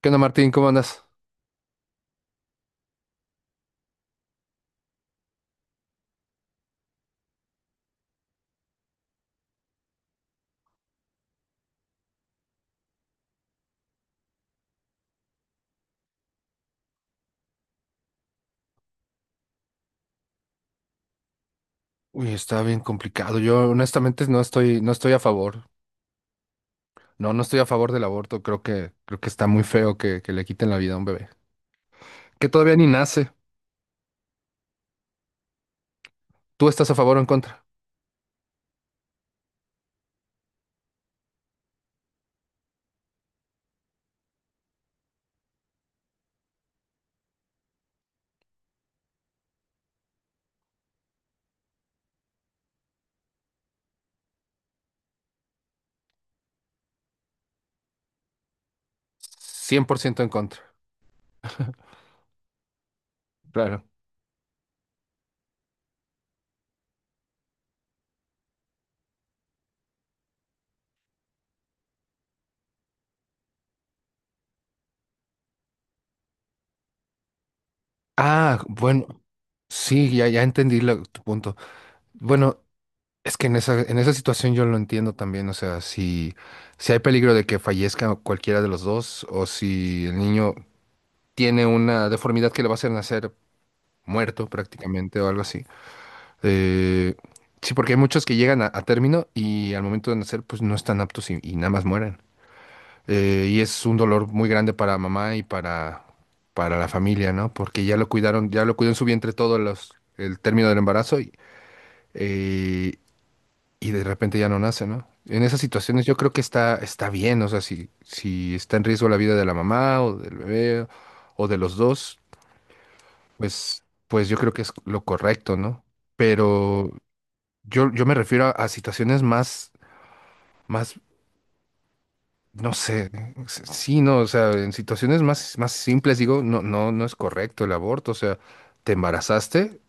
¿Qué onda, Martín? ¿Cómo andas? Uy, está bien complicado. Yo honestamente no estoy a favor. No, no estoy a favor del aborto. Creo que está muy feo que le quiten la vida a un bebé. Que todavía ni nace. ¿Tú estás a favor o en contra? 100% en contra. Claro. Ah, bueno, sí, ya entendí tu punto. Bueno, es que en esa situación yo lo entiendo también. O sea, si, si hay peligro de que fallezca cualquiera de los dos, o si el niño tiene una deformidad que le va a hacer nacer muerto prácticamente o algo así. Eh, sí, porque hay muchos que llegan a término y al momento de nacer, pues no están aptos y nada más mueren. Y es un dolor muy grande para mamá y para la familia, ¿no? Porque ya lo cuidaron, ya lo cuidó en su vientre todo los, el término del embarazo eh, y de repente ya no nace, ¿no? En esas situaciones yo creo que está bien, o sea, si, si está en riesgo la vida de la mamá o del bebé o de los dos, pues yo creo que es lo correcto, ¿no? Pero yo me refiero a situaciones más, más, no sé, sí, no, o sea, en situaciones más, más simples digo, no, no, no es correcto el aborto, o sea, te embarazaste,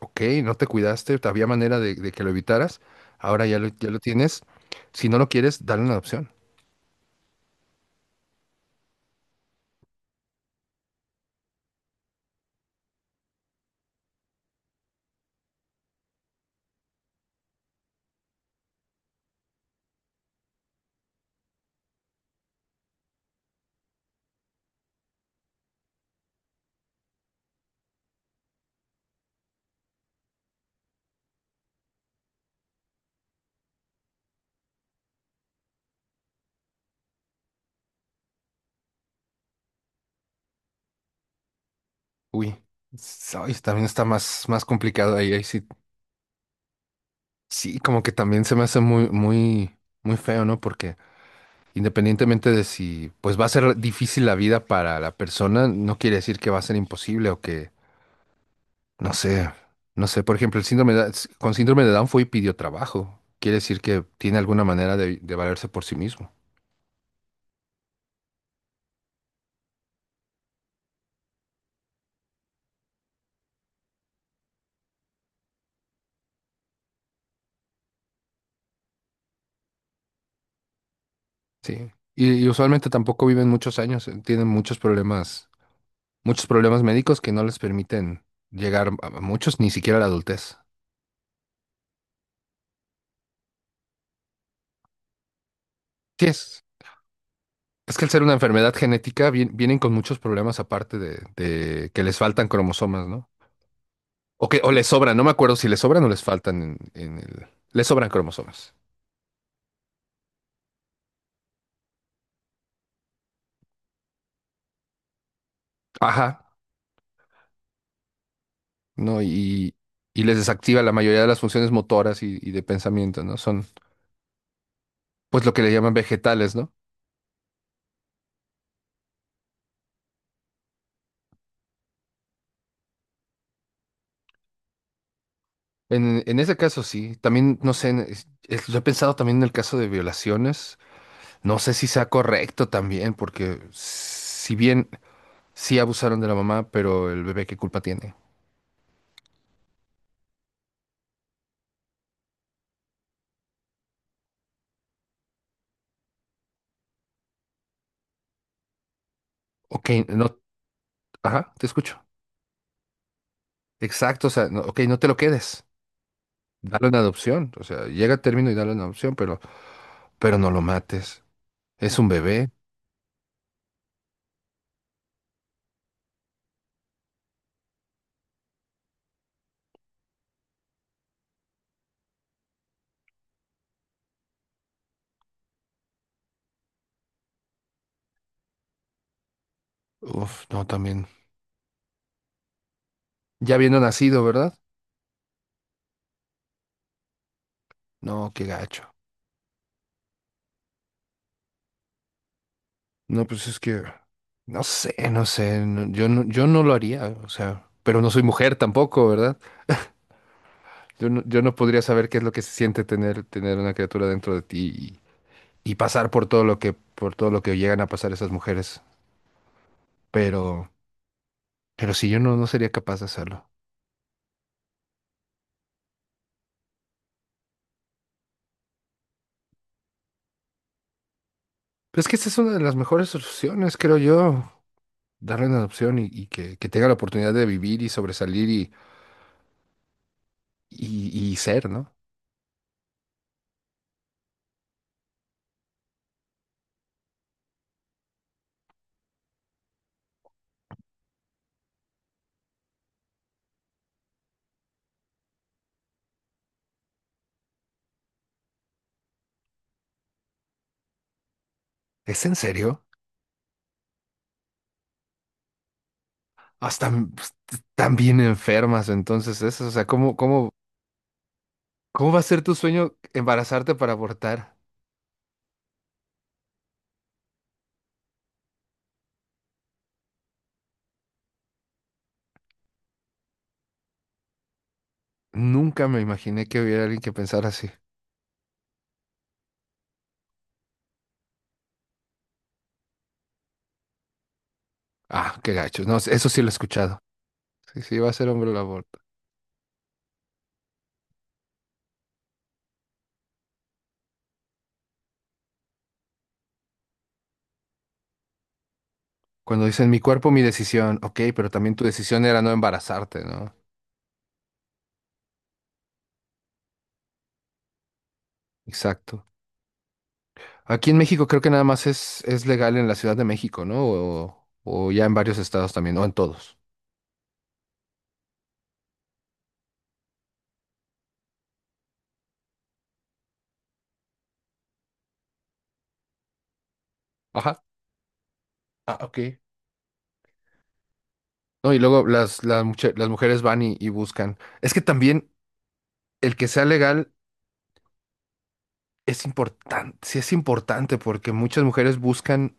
ok, no te cuidaste, había manera de que lo evitaras, ahora ya ya lo tienes, si no lo quieres, dale una adopción. Uy, ay, también está más, más complicado ahí, ahí sí, sí, como que también se me hace muy, muy, muy feo, ¿no? Porque independientemente de si pues va a ser difícil la vida para la persona, no quiere decir que va a ser imposible o que, no sé, no sé, por ejemplo, el síndrome con síndrome de Down fue y pidió trabajo. Quiere decir que tiene alguna manera de valerse por sí mismo. Sí. Y usualmente tampoco viven muchos años, tienen muchos problemas médicos que no les permiten llegar a muchos, ni siquiera a la adultez. Sí es. Es que al ser una enfermedad genética vienen con muchos problemas aparte de que les faltan cromosomas, ¿no? O que, o les sobran, no me acuerdo si les sobran o les faltan en el. Les sobran cromosomas. Ajá, ¿no? Y les desactiva la mayoría de las funciones motoras y de pensamiento, ¿no? Son, pues, lo que le llaman vegetales, ¿no? En ese caso, sí. También, no sé, yo he pensado también en el caso de violaciones. No sé si sea correcto también, porque si bien sí abusaron de la mamá, pero el bebé, ¿qué culpa tiene? Ok, no, ajá, te escucho. Exacto, o sea, no, ok, no te lo quedes. Dalo en adopción. O sea, llega a término y dalo en adopción, pero no lo mates. Es un bebé. Uf, no, también. Ya viendo nacido, ¿verdad? No, qué gacho. No, pues es que, no sé, no sé, yo no, yo no lo haría, o sea, pero no soy mujer tampoco, ¿verdad? Yo no, yo no podría saber qué es lo que se siente tener una criatura dentro de ti y pasar por todo por todo lo que llegan a pasar esas mujeres. Pero. Pero si yo no, no sería capaz de hacerlo. Pero es que esa es una de las mejores soluciones, creo yo. Darle una adopción y que tenga la oportunidad de vivir y sobresalir y ser, ¿no? ¿Es en serio? Hasta pues, tan bien enfermas, entonces eso. O sea, ¿cómo, cómo, cómo va a ser tu sueño embarazarte para abortar? Nunca me imaginé que hubiera alguien que pensara así. Ah, qué gacho. No, eso sí lo he escuchado. Sí, sí, va a ser hombre el aborto. Cuando dicen mi cuerpo, mi decisión. Ok, pero también tu decisión era no embarazarte, ¿no? Exacto. Aquí en México creo que nada más es legal en la Ciudad de México, ¿no? O ya en varios estados también, o en todos. Ajá. Ah, ok. No, y luego las mujeres van y buscan. Es que también el que sea legal es importante, sí es importante porque muchas mujeres buscan,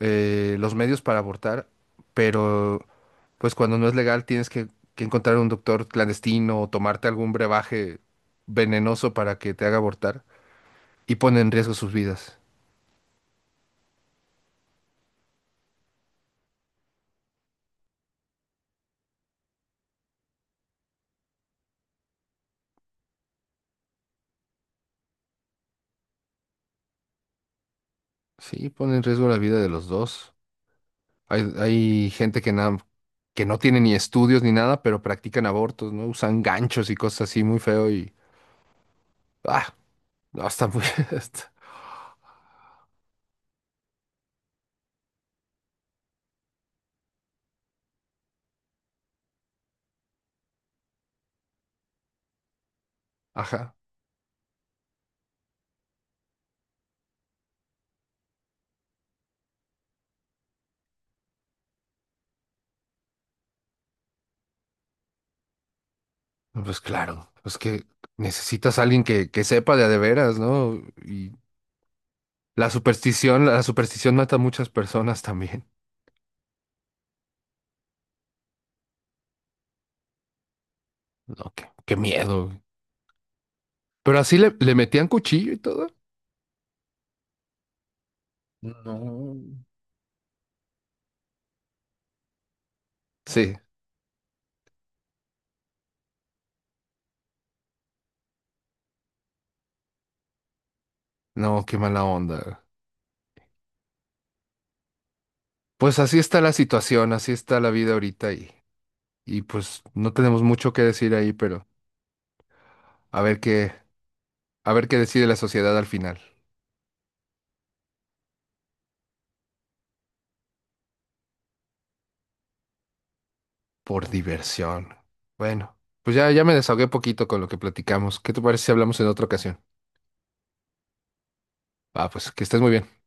los medios para abortar, pero pues cuando no es legal tienes que encontrar un doctor clandestino o tomarte algún brebaje venenoso para que te haga abortar y pone en riesgo sus vidas. Sí, pone en riesgo la vida de los dos. Hay gente que, que no tiene ni estudios ni nada, pero practican abortos, ¿no? Usan ganchos y cosas así muy feo y... Ah, no, está muy... está- Ajá. No, pues claro, pues que necesitas a alguien que sepa de a de veras, ¿no? Y la superstición mata a muchas personas también. No, qué, qué miedo, güey. Pero así le, le metían cuchillo y todo. No. Sí, no, qué mala onda. Pues así está la situación, así está la vida ahorita y pues no tenemos mucho que decir ahí, pero a ver qué, a ver qué decide la sociedad al final. Por diversión. Bueno, pues ya, ya me desahogué poquito con lo que platicamos. ¿Qué te parece si hablamos en otra ocasión? Ah, pues que estés muy bien.